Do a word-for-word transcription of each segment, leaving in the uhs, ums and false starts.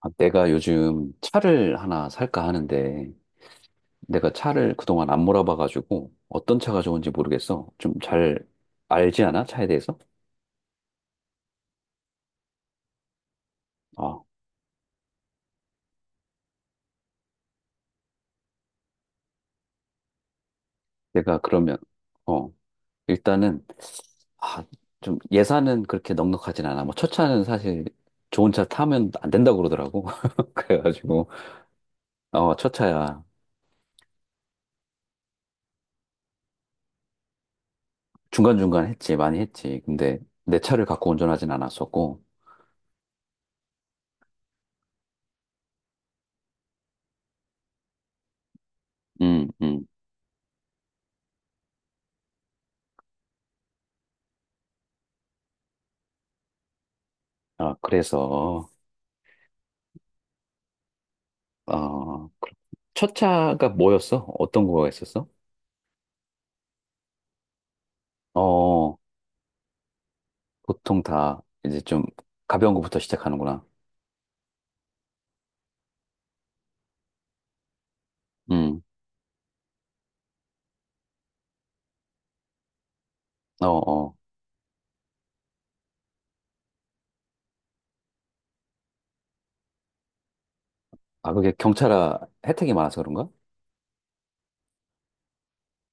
아, 내가 요즘 차를 하나 살까 하는데, 내가 차를 그동안 안 몰아봐가지고, 어떤 차가 좋은지 모르겠어. 좀 잘 알지 않아? 차에 대해서? 아, 내가 그러면, 어, 일단은, 아, 좀 예산은 그렇게 넉넉하진 않아. 뭐, 첫 차는 사실 좋은 차 타면 안 된다고 그러더라고. 그래가지고, 어, 첫 차야. 중간중간 했지, 많이 했지. 근데 내 차를 갖고 운전하진 않았었고, 음, 음. 아, 그래서, 어, 첫 차가 뭐였어? 어떤 거가 있었어? 어, 보통 다 이제 좀 가벼운 거부터 시작하는구나. 음, 어, 어. 아, 그게 경차라 혜택이 많아서 그런가?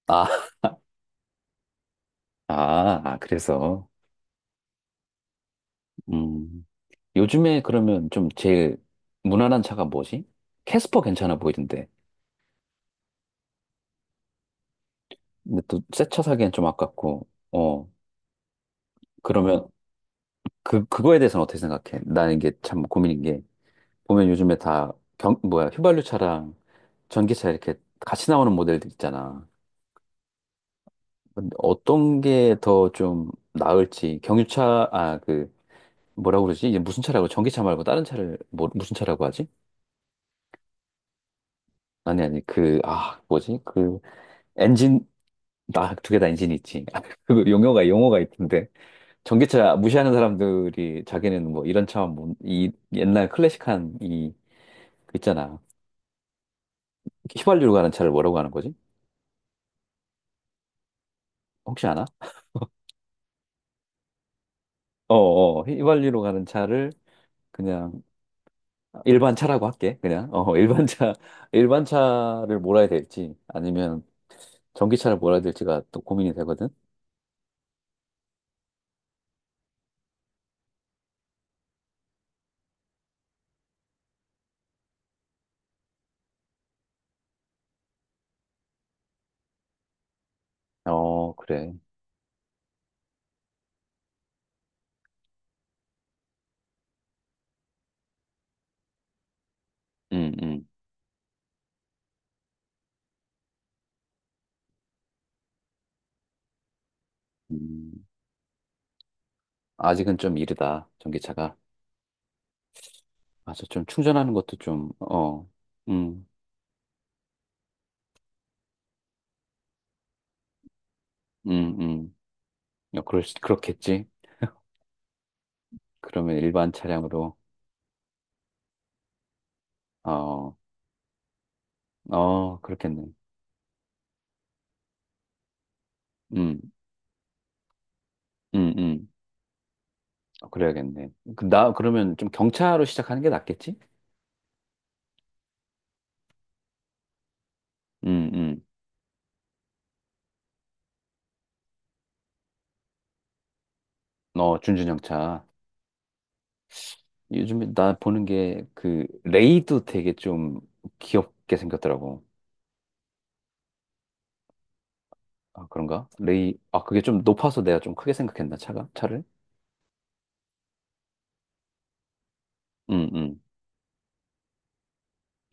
아, 아, 아, 그래서. 음. 요즘에 그러면 좀 제일 무난한 차가 뭐지? 캐스퍼 괜찮아 보이던데. 근데 또 새 차 사기엔 좀 아깝고. 어. 그러면 그, 그거에 대해서는 어떻게 생각해? 나 이게 참 고민인 게 보면 요즘에 다 경, 뭐야, 휘발유차랑 전기차 이렇게 같이 나오는 모델들 있잖아. 근데 어떤 게 더 좀 나을지, 경유차, 아, 그, 뭐라고 그러지? 이제 무슨 차라고, 전기차 말고 다른 차를, 뭐, 무슨 차라고 하지? 아니, 아니, 그, 아, 뭐지? 그, 엔진, 나, 두 개 다 엔진이 있지. 아, 그 용어가, 용어가 있던데. 전기차 무시하는 사람들이 자기는 뭐 이런 차, 뭐, 이 옛날 클래식한 이, 그 있잖아. 휘발유로 가는 차를 뭐라고 하는 거지? 혹시 아나? 어, 어, 휘발유로 가는 차를 그냥 일반 차라고 할게. 그냥 어, 일반 차, 일반 차를 몰아야 될지 아니면 전기차를 몰아야 될지가 또 고민이 되거든. 어, 그래. 음, 음, 음. 아직은 좀 이르다. 전기차가. 맞아. 좀 충전하는 것도 좀 어. 음, 음, 음. 어, 그럴 수- 그렇겠지. 그러면 일반 차량으로 어, 어, 그렇겠네. 음, 음, 음. 어, 그래야겠네. 그, 나 그러면 좀 경차로 시작하는 게 낫겠지? 음, 음. 어, 준준형차. 요즘에 나 보는 게 그 레이도 되게 좀 귀엽게 생겼더라고. 아, 그런가? 레이. 아, 그게 좀 높아서 내가 좀 크게 생각했나, 차가? 차를? 음, 음.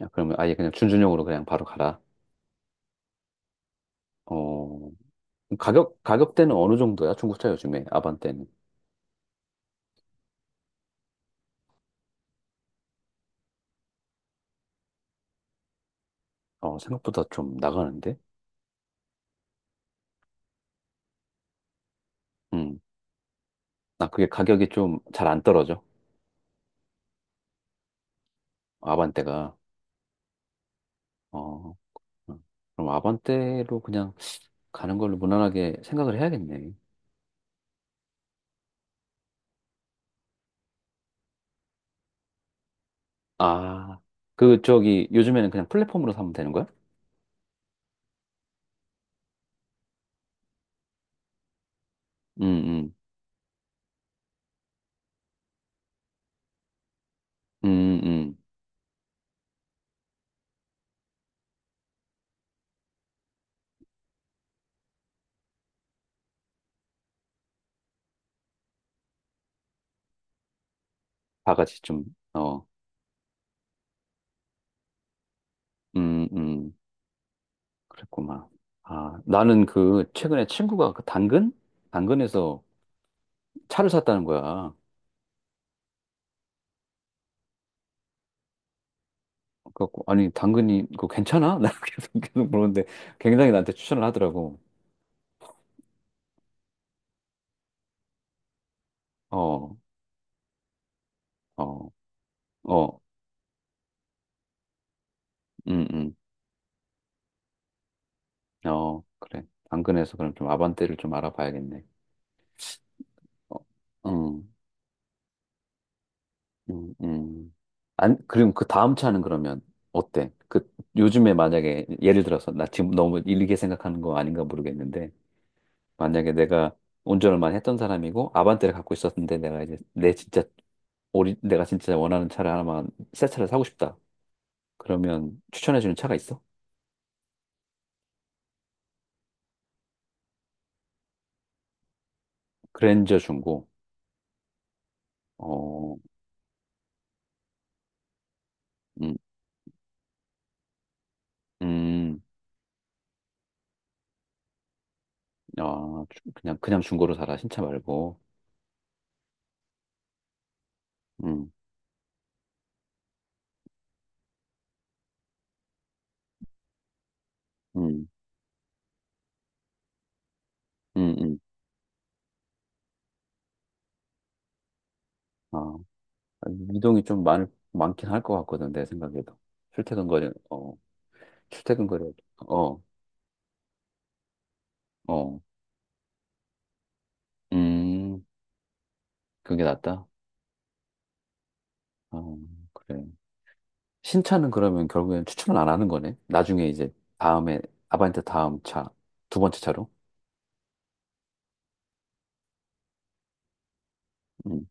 야, 그러면 아예 그냥 준준형으로 그냥 바로 가라. 어, 가격, 가격대는 어느 정도야? 중고차 요즘에 아반떼는. 어, 생각보다 좀 나가는데? 음. 나 그게 가격이 좀 잘 안 떨어져. 아반떼가. 어. 음. 그럼 아반떼로 그냥 가는 걸로 무난하게 생각을 해야겠네. 아, 그, 저기, 요즘에는 그냥 플랫폼으로 사면 되는 거야? 음, 음, 음, 음. 다 같이 좀, 어, 음, 음. 그랬구만. 아, 나는 그, 최근에 친구가 그 당근? 당근에서 차를 샀다는 거야. 그래갖고, 아니, 당근이, 그거 괜찮아? 나 계속, 계속 물었는데, 굉장히 나한테 추천을 하더라고. 어, 어, 어, 음, 음. 어, 그래. 당근에서 그럼 좀 아반떼를 좀 알아봐야겠네. 어, 음. 음, 음. 안, 그럼 그 다음 차는 그러면 어때? 그 요즘에 만약에 예를 들어서 나 지금 너무 일리게 생각하는 거 아닌가 모르겠는데 만약에 내가 운전을 많이 했던 사람이고 아반떼를 갖고 있었는데 내가 이제 내 진짜 오리, 내가 진짜 원하는 차를 하나만 새 차를 사고 싶다. 그러면 추천해주는 차가 있어? 그랜저 중고. 어, 음, 음, 아, 주- 그냥 그냥 중고로 사라 신차 말고. 음, 음, 음, 음. 아. 이동이 좀 많, 많긴 할 것 같거든, 내 생각에도. 출퇴근 거리, 어, 출퇴근 거리, 어, 어, 음, 그게 낫다? 어, 그래. 신차는 그러면 결국엔 추천을 안 하는 거네? 나중에 이제 다음에, 아반떼 다음 차, 두 번째 차로? 음,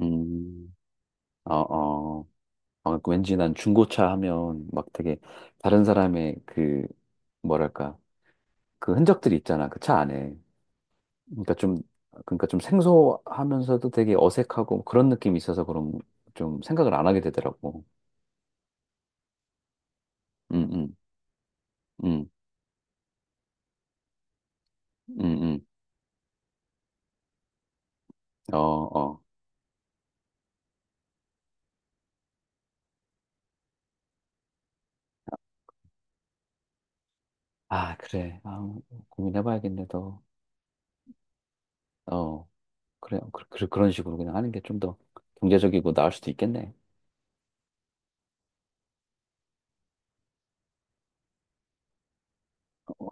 음, 어, 어. 아, 그 왠지 난 중고차 하면 막 되게 다른 사람의 그, 뭐랄까, 그 흔적들이 있잖아, 그 차 안에. 그러니까 좀 그러니까 좀 생소하면서도 되게 어색하고 그런 느낌이 있어서 그런 좀 생각을 안 하게 되더라고. 음, 음, 음, 음, 음. 어, 어. 아, 그래. 아, 고민해봐야겠네, 더. 어, 그래. 어, 그, 그, 그런 식으로 그냥 하는 게 좀 더 경제적이고 나을 수도 있겠네. 어,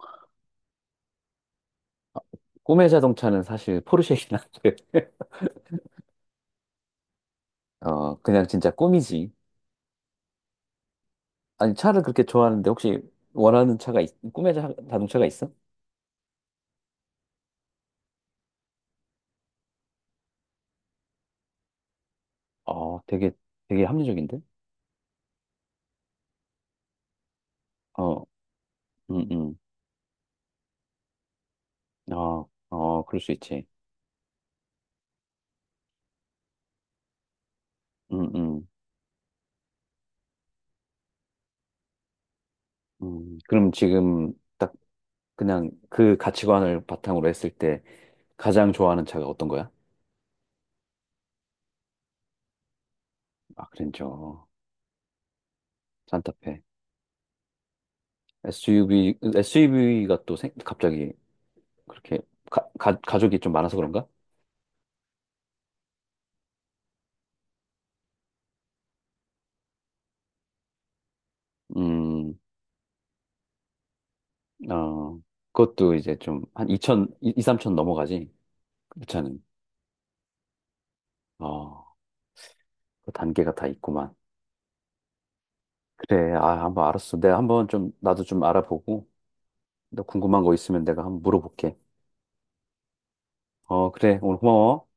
꿈의 자동차는 사실 포르쉐이긴 한데. 어, 그냥 진짜 꿈이지. 아니, 차를 그렇게 좋아하는데 혹시 원하는 차가, 있, 꿈의 자, 동차가 있어? 어, 되게, 되게 합리적인데? 어, 음, 음. 아, 어, 그럴 수 있지. 음, 음, 음. 그럼 지금 딱 그냥 그 가치관을 바탕으로 했을 때 가장 좋아하는 차가 어떤 거야? 아, 그랜저, 산타페. 에스유브이, 에스유브이가 또 생, 갑자기 그렇게 가, 가, 가족이 좀 많아서 그런가? 음, 어, 그것도 이제 좀 한 이천, 이, 삼천 넘어가지. 그 차는. 어, 그 단계가 다 있구만. 그래, 아, 한번 알았어. 내가 한번 좀, 나도 좀 알아보고, 너 궁금한 거 있으면 내가 한번 물어볼게. 어, 그래. 오늘 고마워.